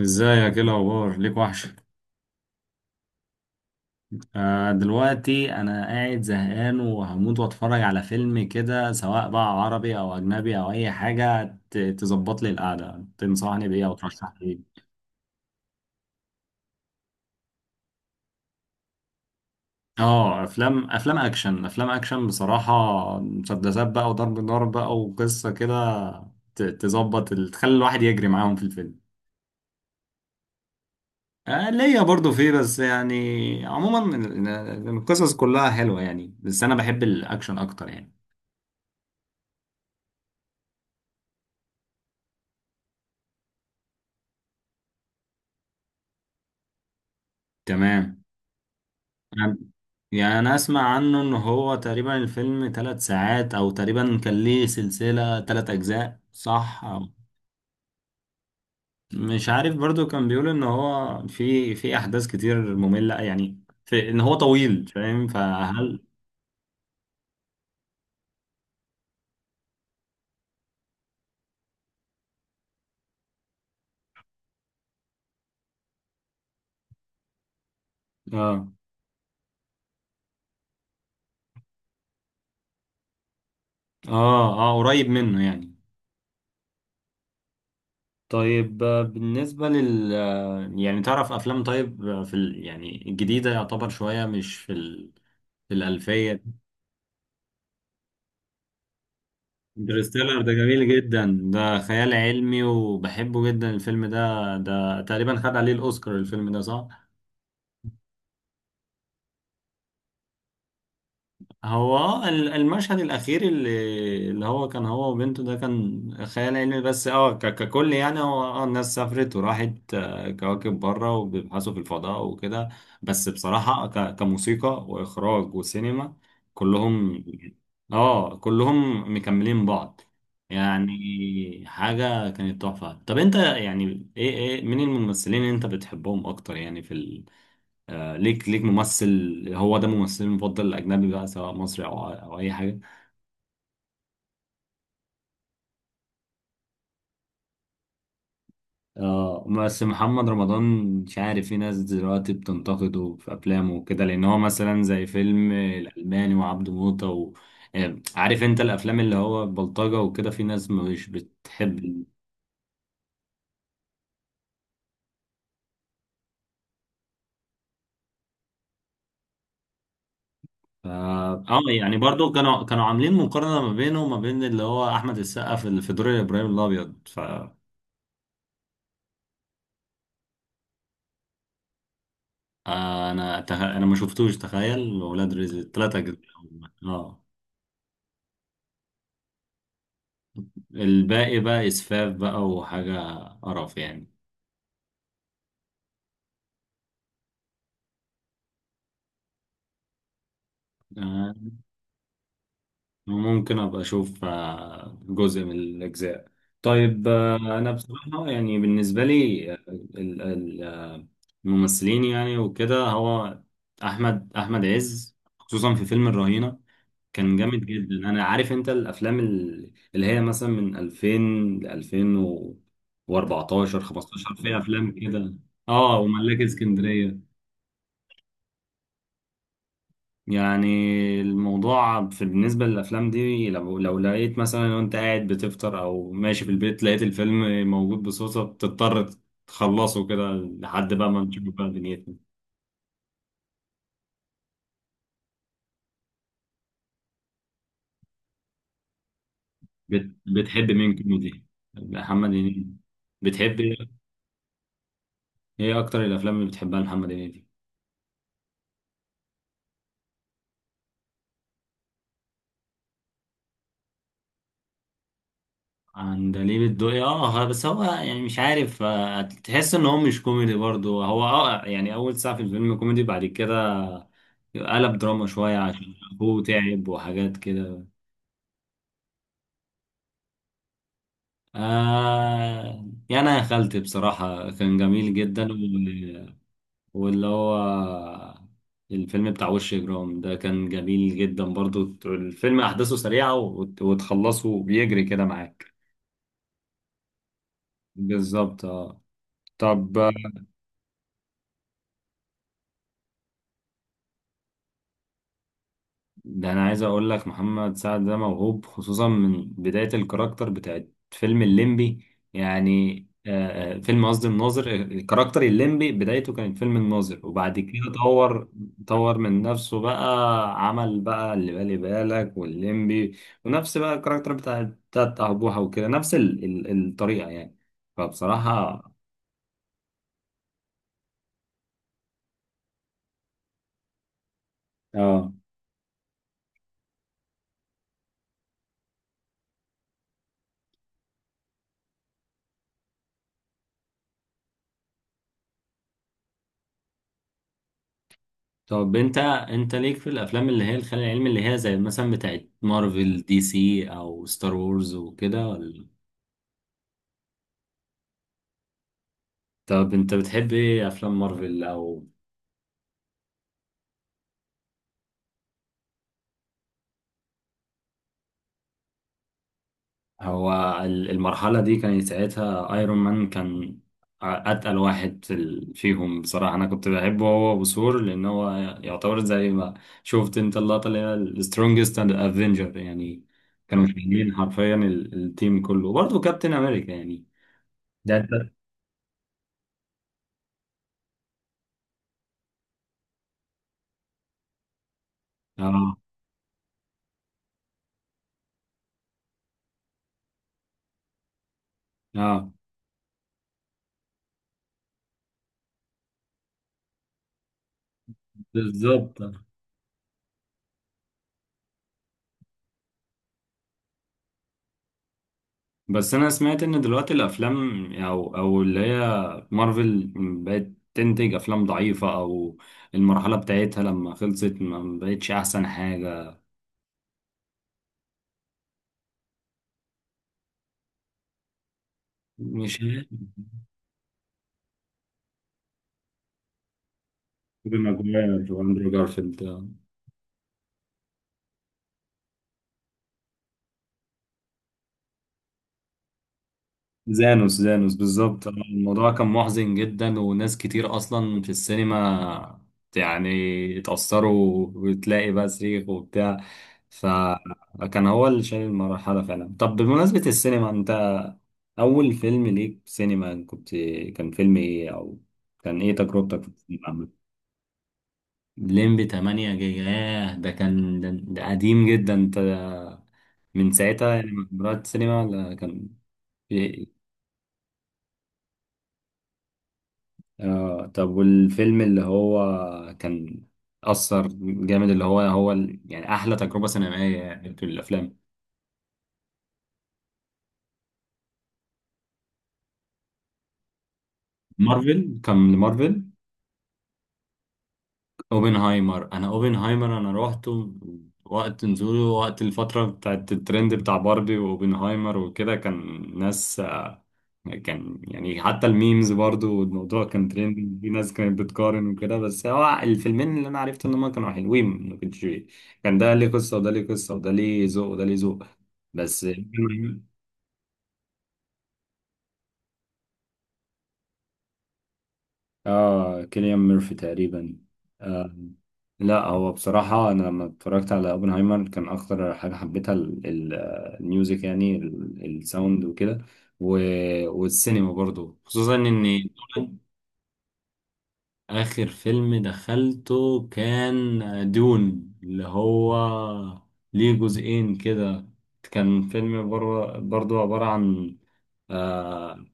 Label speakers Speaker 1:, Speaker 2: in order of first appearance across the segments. Speaker 1: ازيك، ايه الاخبار؟ ليك وحشه. دلوقتي انا قاعد زهقان وهموت واتفرج على فيلم كده، سواء بقى عربي او اجنبي او اي حاجه تظبط لي القعده. تنصحني بايه او ترشح لي ايه؟ اه، افلام، اكشن بصراحه. مسدسات بقى وضرب نار بقى وقصه كده، تظبط، تخلي الواحد يجري معاهم في الفيلم. آه ليا برضو فيه، بس يعني عموما القصص كلها حلوه يعني، بس انا بحب الاكشن اكتر يعني. تمام. يعني انا اسمع عنه ان هو تقريبا الفيلم ثلاث ساعات، او تقريبا كان ليه سلسلة ثلاث اجزاء صح مش عارف، برضو كان بيقول ان هو في في احداث كتير مملة يعني، في ان هو طويل، فاهم؟ فهل؟ اه، اه، اه قريب منه يعني. طيب، بالنسبة لل يعني تعرف افلام، طيب، يعني الجديدة يعتبر شوية مش في الألفية. انترستيلر ده جميل جدا، ده خيال علمي وبحبه جدا الفيلم ده، ده تقريبا خد عليه الأوسكار الفيلم ده صح؟ هو اه المشهد الأخير اللي هو كان هو وبنته ده كان خيال علمي، بس اه ككل يعني، هو اه الناس سافرت وراحت كواكب بره وبيبحثوا في الفضاء وكده. بس بصراحة كموسيقى وإخراج وسينما، كلهم. اه كلهم مكملين بعض يعني. حاجة كانت تحفة. طب انت يعني ايه، ايه مين الممثلين اللي انت بتحبهم أكتر يعني؟ في ليك ممثل هو ده ممثلي المفضل الأجنبي بقى، سواء مصري أو أو أي حاجة؟ آه، بس محمد رمضان مش عارف، في ناس دلوقتي بتنتقده في أفلامه وكده، لأن هو مثلا زي فيلم الألماني وعبده موتة و... عارف أنت الأفلام اللي هو بلطجة وكده في ناس مش بتحب. اه يعني برضو كانوا عاملين مقارنة ما بينه وما بين اللي هو أحمد السقا في في دور إبراهيم الأبيض، ف. آه، انا انا ما شفتوش، تخيل ولاد رزق التلاتة اجزاء هم. اه. الباقي بقى اسفاف بقى وحاجة قرف يعني. آه، ممكن ابقى اشوف جزء من الاجزاء. طيب، انا بصراحة يعني بالنسبة لي، الممثلين يعني وكده، هو احمد عز خصوصا في فيلم الرهينة كان جامد جدا. انا عارف انت الافلام اللي هي مثلا من 2000 ل 2014 15 فيها افلام كده. اه، وملاك اسكندريه يعني. الموضوع في بالنسبه للافلام دي، لو لو لقيت مثلا وانت قاعد بتفطر او ماشي في البيت لقيت الفيلم موجود بصوصه، بتضطر تخلصه كده لحد بقى ما تشوف بقى دنيتنا. بتحب مين كوميدي؟ محمد هنيدي؟ بتحب ايه؟ إيه اكتر الافلام اللي بتحبها لمحمد هنيدي؟ عندليب الدقي؟ اه بس هو يعني مش عارف، تحس ان هو مش كوميدي برضو، هو اه يعني اول ساعة في الفيلم كوميدي بعد كده قلب دراما شوية عشان ابوه تعب وحاجات كده. آه يعني انا يا خالتي بصراحة كان جميل جدا واللي هو الفيلم بتاع وش جرام ده كان جميل جدا برضو، الفيلم احداثه سريعة وتخلصه بيجري كده معاك. بالظبط اه. طب ده انا عايز اقول لك محمد سعد ده موهوب، خصوصا من بداية الكاركتر بتاعت فيلم الليمبي يعني. فيلم، قصدي الناظر، الكاركتر الليمبي بدايته كانت فيلم الناظر وبعد كده طور، طور من نفسه بقى، عمل بقى اللي بالي بالك والليمبي، ونفس بقى الكاركتر بتاعت أبوها وكده نفس ال ال الطريقة يعني. فبصراحة اه. طب انت، انت ليك في الافلام اللي هي الخيال العلمي اللي هي زي مثلا بتاعت مارفل دي سي او ستار وورز وكده، ولا؟ طب انت بتحب ايه افلام مارفل او؟ هو المرحلة دي كانت ساعتها ايرون مان كان اتقل واحد فيهم بصراحة. انا كنت بحبه هو وثور، لان هو يعتبر زي ما شفت انت اللقطة اللي هي السترونجست اند افنجر يعني، كانوا شايلين حرفيا التيم كله، وبرضه كابتن امريكا يعني. ده انت اه. اه بالظبط. بس انا سمعت ان دلوقتي الافلام او او اللي هي مارفل بقت تنتج افلام ضعيفة او المرحلة بتاعتها لما خلصت ما بقتش احسن حاجة. مش عارف. توبي ماجواير واندرو جارفيلد. زانوس، زانوس بالظبط. الموضوع كان محزن جدا، وناس كتير اصلا في السينما يعني اتأثروا وتلاقي بقى صريخ وبتاع. فكان هو اللي شايل المرحلة فعلا. طب بمناسبة السينما، انت أول فيلم ليك في سينما كنت، كان فيلم إيه؟ أو كان إيه تجربتك في السينما عامة؟ ليمبي 8 جيجا؟ ياه، ده كان ده، ده قديم جدا أنت. من ساعتها يعني ما رحت السينما، ولا كان في إيه؟ آه، طب والفيلم اللي هو كان أثر جامد، اللي هو هو يعني أحلى تجربة سينمائية يعني في الأفلام مارفل، كان لمارفل؟ اوبنهايمر، انا اوبنهايمر انا روحته وقت نزوله، وقت الفترة بتاعت الترند بتاع باربي واوبنهايمر وكده. كان ناس كان يعني حتى الميمز برضو، والموضوع كان ترند، في ناس كانت بتقارن وكده، بس هو الفيلمين اللي انا عرفت ان هما كانوا حلوين ما كنتش. كان ده ليه قصة وده ليه قصة، وده ليه ذوق وده ليه ذوق بس. اه كيليان ميرفي تقريبا. آه لا، هو بصراحة أنا لما اتفرجت على أوبنهايمر كان أكتر حاجة حبيتها الميوزك يعني، الساوند وكده، والسينما برضو، خصوصا إن. آخر فيلم دخلته كان دون، اللي هو ليه جزئين كده. كان فيلم برضو عبارة عن آه،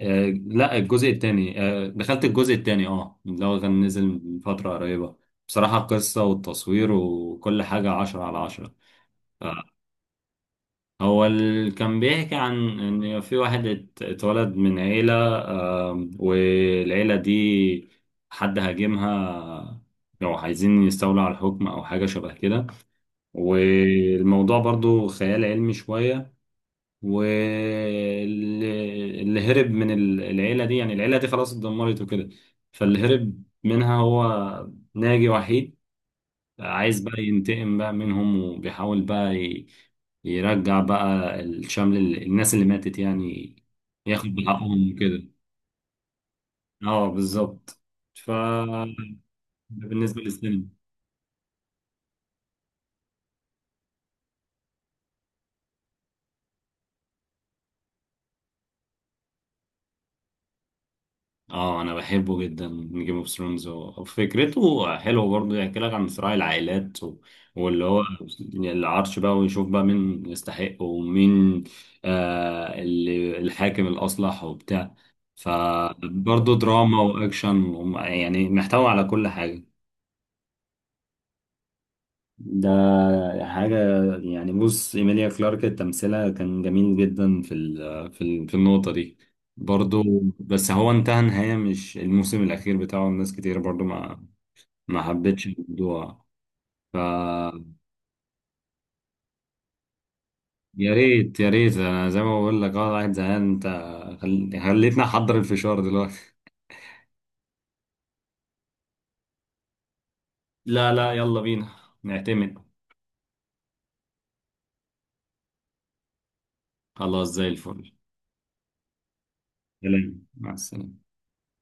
Speaker 1: آه لا، الجزء التاني، آه دخلت الجزء التاني اه، اللي هو كان نزل من فترة قريبة. بصراحة القصة والتصوير وكل حاجة عشرة على عشرة. آه، هو اللي كان بيحكي عن إن في واحد اتولد من عيلة، والعيلة دي حد هاجمها، لو عايزين يستولوا على الحكم أو حاجة شبه كده. والموضوع برضو خيال علمي شوية. واللي هرب من العيلة دي، يعني العيلة دي خلاص اتدمرت وكده، فاللي هرب منها هو ناجي وحيد، عايز بقى ينتقم بقى منهم، وبيحاول بقى يرجع بقى الشمل الناس اللي ماتت يعني، ياخد بحقهم وكده. اه بالظبط. ف، بالنسبة للسينما. اه انا بحبه جدا. جيم اوف ثرونز وفكرته حلوه برضه، يحكي لك عن صراع العائلات و... واللي هو العرش بقى، ويشوف بقى مين يستحق ومين، آه اللي الحاكم الاصلح وبتاع. فبرضه دراما واكشن يعني محتوى على كل حاجه. ده حاجة يعني. بص إيميليا كلارك تمثيلها كان جميل جدا في ال في ال في النقطة دي برضو. بس هو انتهى نهاية مش الموسم الأخير بتاعه، الناس كتير برضو ما ما حبتش الموضوع. ف، يا ريت يا ريت، أنا زي ما بقول لك أه قاعد زهقان أنت. خل... خليتني أحضر الفشار دلوقتي. لا لا يلا بينا، نعتمد. خلاص زي الفل. سلام، مع السلامة.